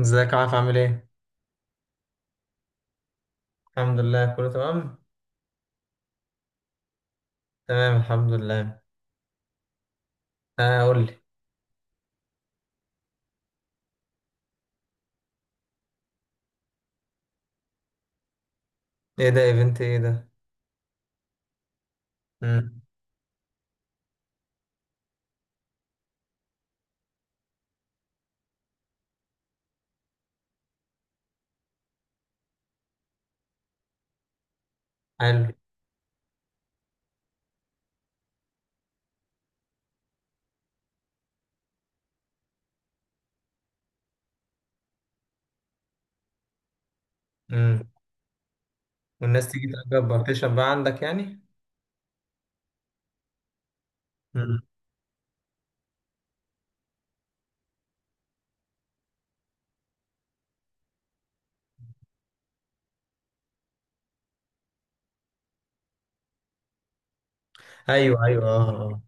ازيك يا عارف عامل ايه؟ الحمد لله كله تمام؟ تمام الحمد لله. اه، قول لي. ايه ده؟ ايفنت ايه ده؟ امم حلو. امم. والناس تيجي تأجر بارتيشن بقى عندك يعني؟ امم. ايوه ايوه، اه اه.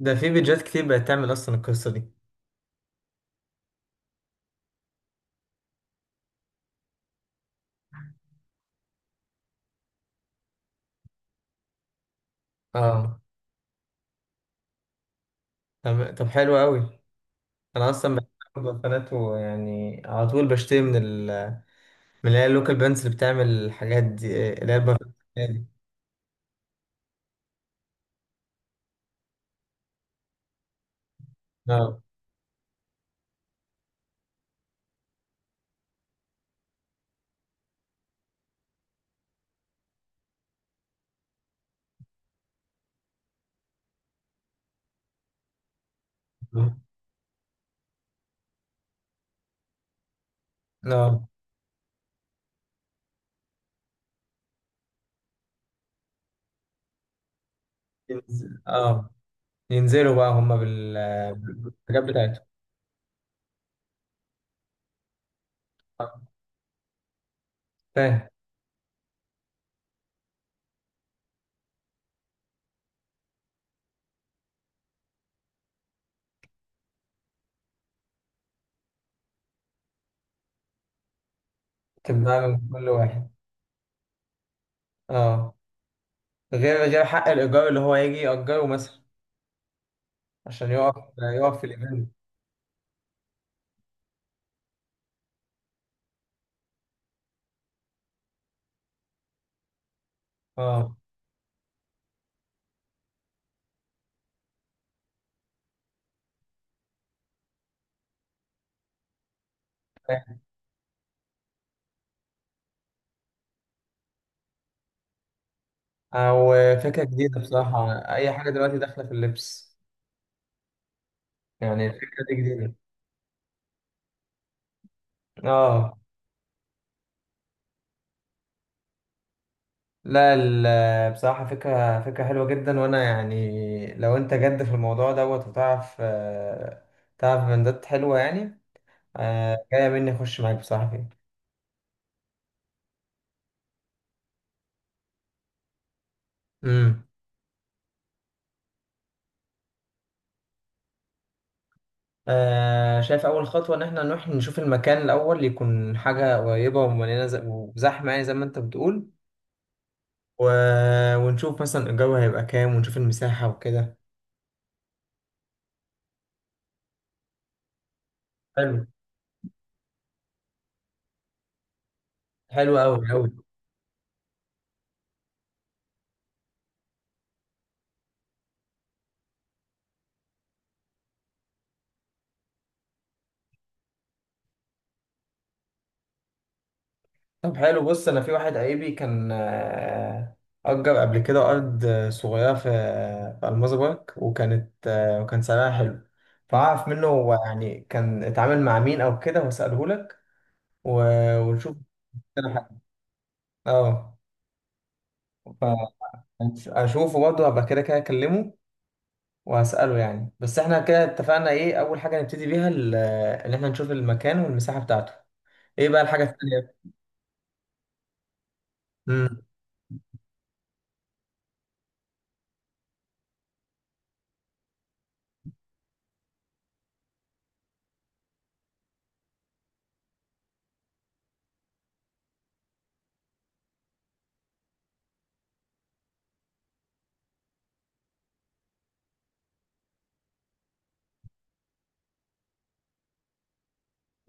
ده في بيجات كتير بقت تعمل اصلا القصة دي. اه. طب حلو قوي. انا اصلا بحب البنات، ويعني على طول بشتري من ال من اللي هي اللوكال بانس اللي بتعمل الحاجات دي اللي هي البنات دي. اه اه اه. ينزلوا بقى هم بالحاجات بتاعتهم. آه، فاهم. تبقى من كل واحد. اه، غير حق الإيجار اللي هو يجي يأجره مثلا عشان يقف في الإيفنت. اه، فاهم. أو، فكرة جديدة بصراحة. أي حاجة دلوقتي داخلة في اللبس، يعني الفكرة دي جديدة. اه. لا، بصراحة فكرة حلوة جدا. وأنا يعني لو أنت جد في الموضوع دوت وتعرف، آه، تعرف بندات حلوة يعني، آه، جاية مني أخش معاك بصراحة فيه. امم. آه، شايف أول خطوة إن إحنا نروح نشوف المكان. الأول يكون حاجة قريبة ومليانة، وزحمة، يعني زي ما أنت بتقول. و... ونشوف مثلا الجو هيبقى كام، ونشوف المساحة وكده. حلو. حلو أوي أوي. طب حلو. بص، أنا في واحد قريبي كان، آه، أجر قبل كده أرض، آه، صغيرة في في ألماظة بارك، وكانت، آه، وكان سعرها حلو. فأعرف منه هو يعني كان اتعامل مع مين أو كده وأسأله لك و... ونشوف كده حاجة. أه، اشوفه برضه، هبقى كده كده اكلمه وهسأله يعني. بس احنا كده اتفقنا ايه اول حاجة نبتدي بيها ان احنا نشوف المكان والمساحة بتاعته. ايه بقى الحاجة التانية؟ امم.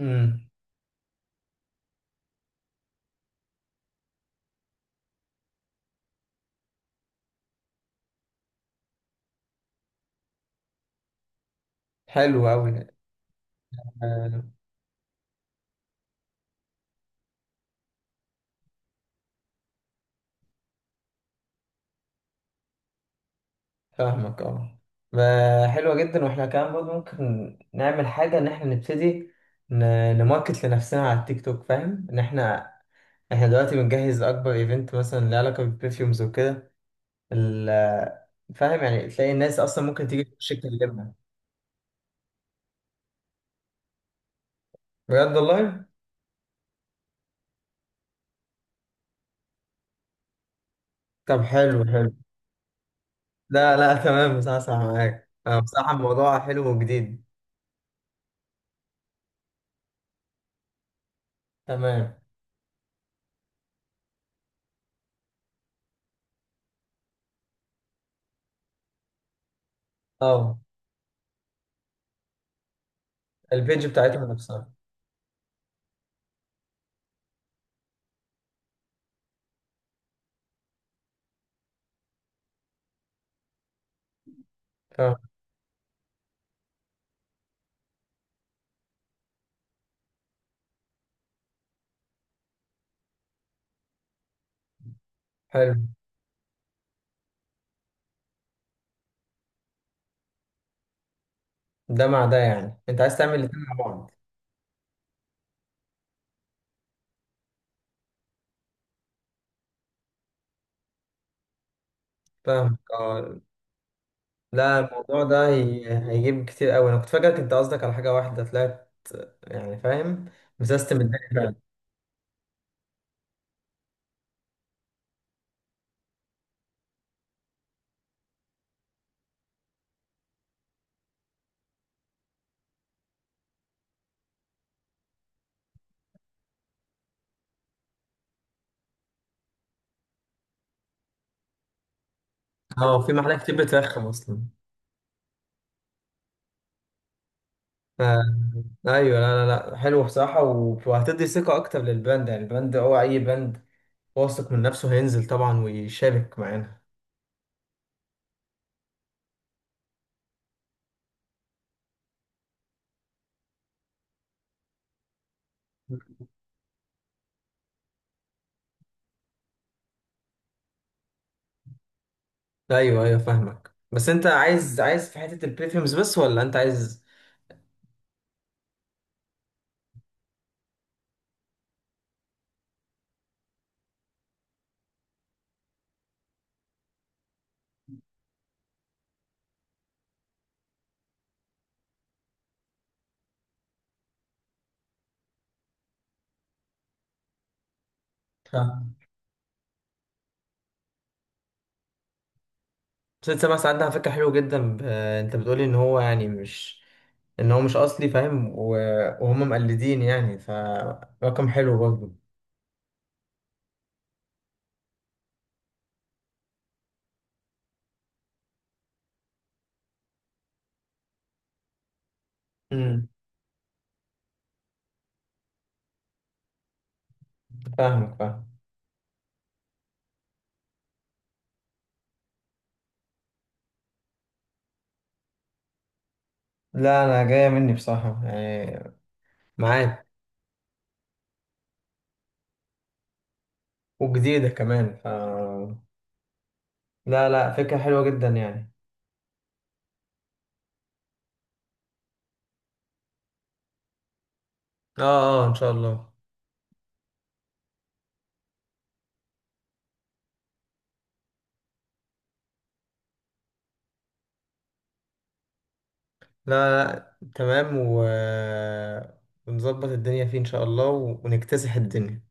امم. حلو قوي. فاهمك اه. ما- حلوة جدا. واحنا كمان برضه ممكن نعمل حاجة ان احنا نبتدي نماركت لنفسنا على التيك توك. فاهم ان احنا احنا دلوقتي بنجهز اكبر ايفنت مثلا له علاقة بالبرفيومز وكده ال- فاهم، يعني تلاقي الناس اصلا ممكن تيجي تخش تكلمنا. بجد والله. طب حلو حلو. لا لا، تمام. بصراحة أسمع معاك. أنا بصراحة الموضوع حلو وجديد. تمام. أه. البيج بتاعتهم نفسها. فاهم. حلو. ده مع ده يعني؟ أنت عايز تعمل الاتنين مع بعض؟ فاهمك أه. لا، الموضوع ده هيجيب كتير أوي. أنا كنت فاكرك أنت قصدك على حاجة واحدة طلعت يعني فاهم مسيستم الدنيا فعلا. أه، في محلات كتير بترخم أصلا. آه، ايوه. لا لا لا، حلو بصراحه. وهتدي ثقه اكتر للبراند. يعني البراند، هو اي براند واثق من نفسه هينزل طبعا ويشارك معانا. ايوه ايوه فاهمك. بس انت عايز، عايز في حته البريفيومز بس ولا انت عايز؟ فاهم. ست سبع ساعات ده على فكره حلو جدا. انت بتقولي ان هو يعني مش، ان هو مش اصلي، فاهم؟ وهم مقلدين يعني فرقم حلو برضه. امم. فاهمك فاهم. لا، انا جايه مني بصراحه يعني، معاك. وجديده كمان ف لا لا، فكره حلوه جدا يعني. اه. اه ان شاء الله. لا لا تمام. ونظبط الدنيا فيه إن شاء الله ونكتسح الدنيا.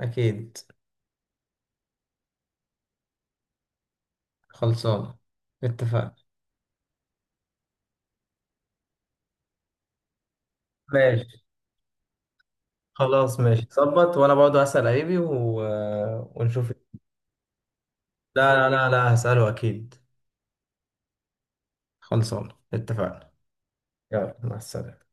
أكيد. خلصان. اتفقنا. ماشي. خلاص ماشي، ظبط. وأنا برضه هسأل قريبي ونشوف. لا لا لا لا، هسأله أكيد. خلصان، اتفقنا. يلا، مع السلامة.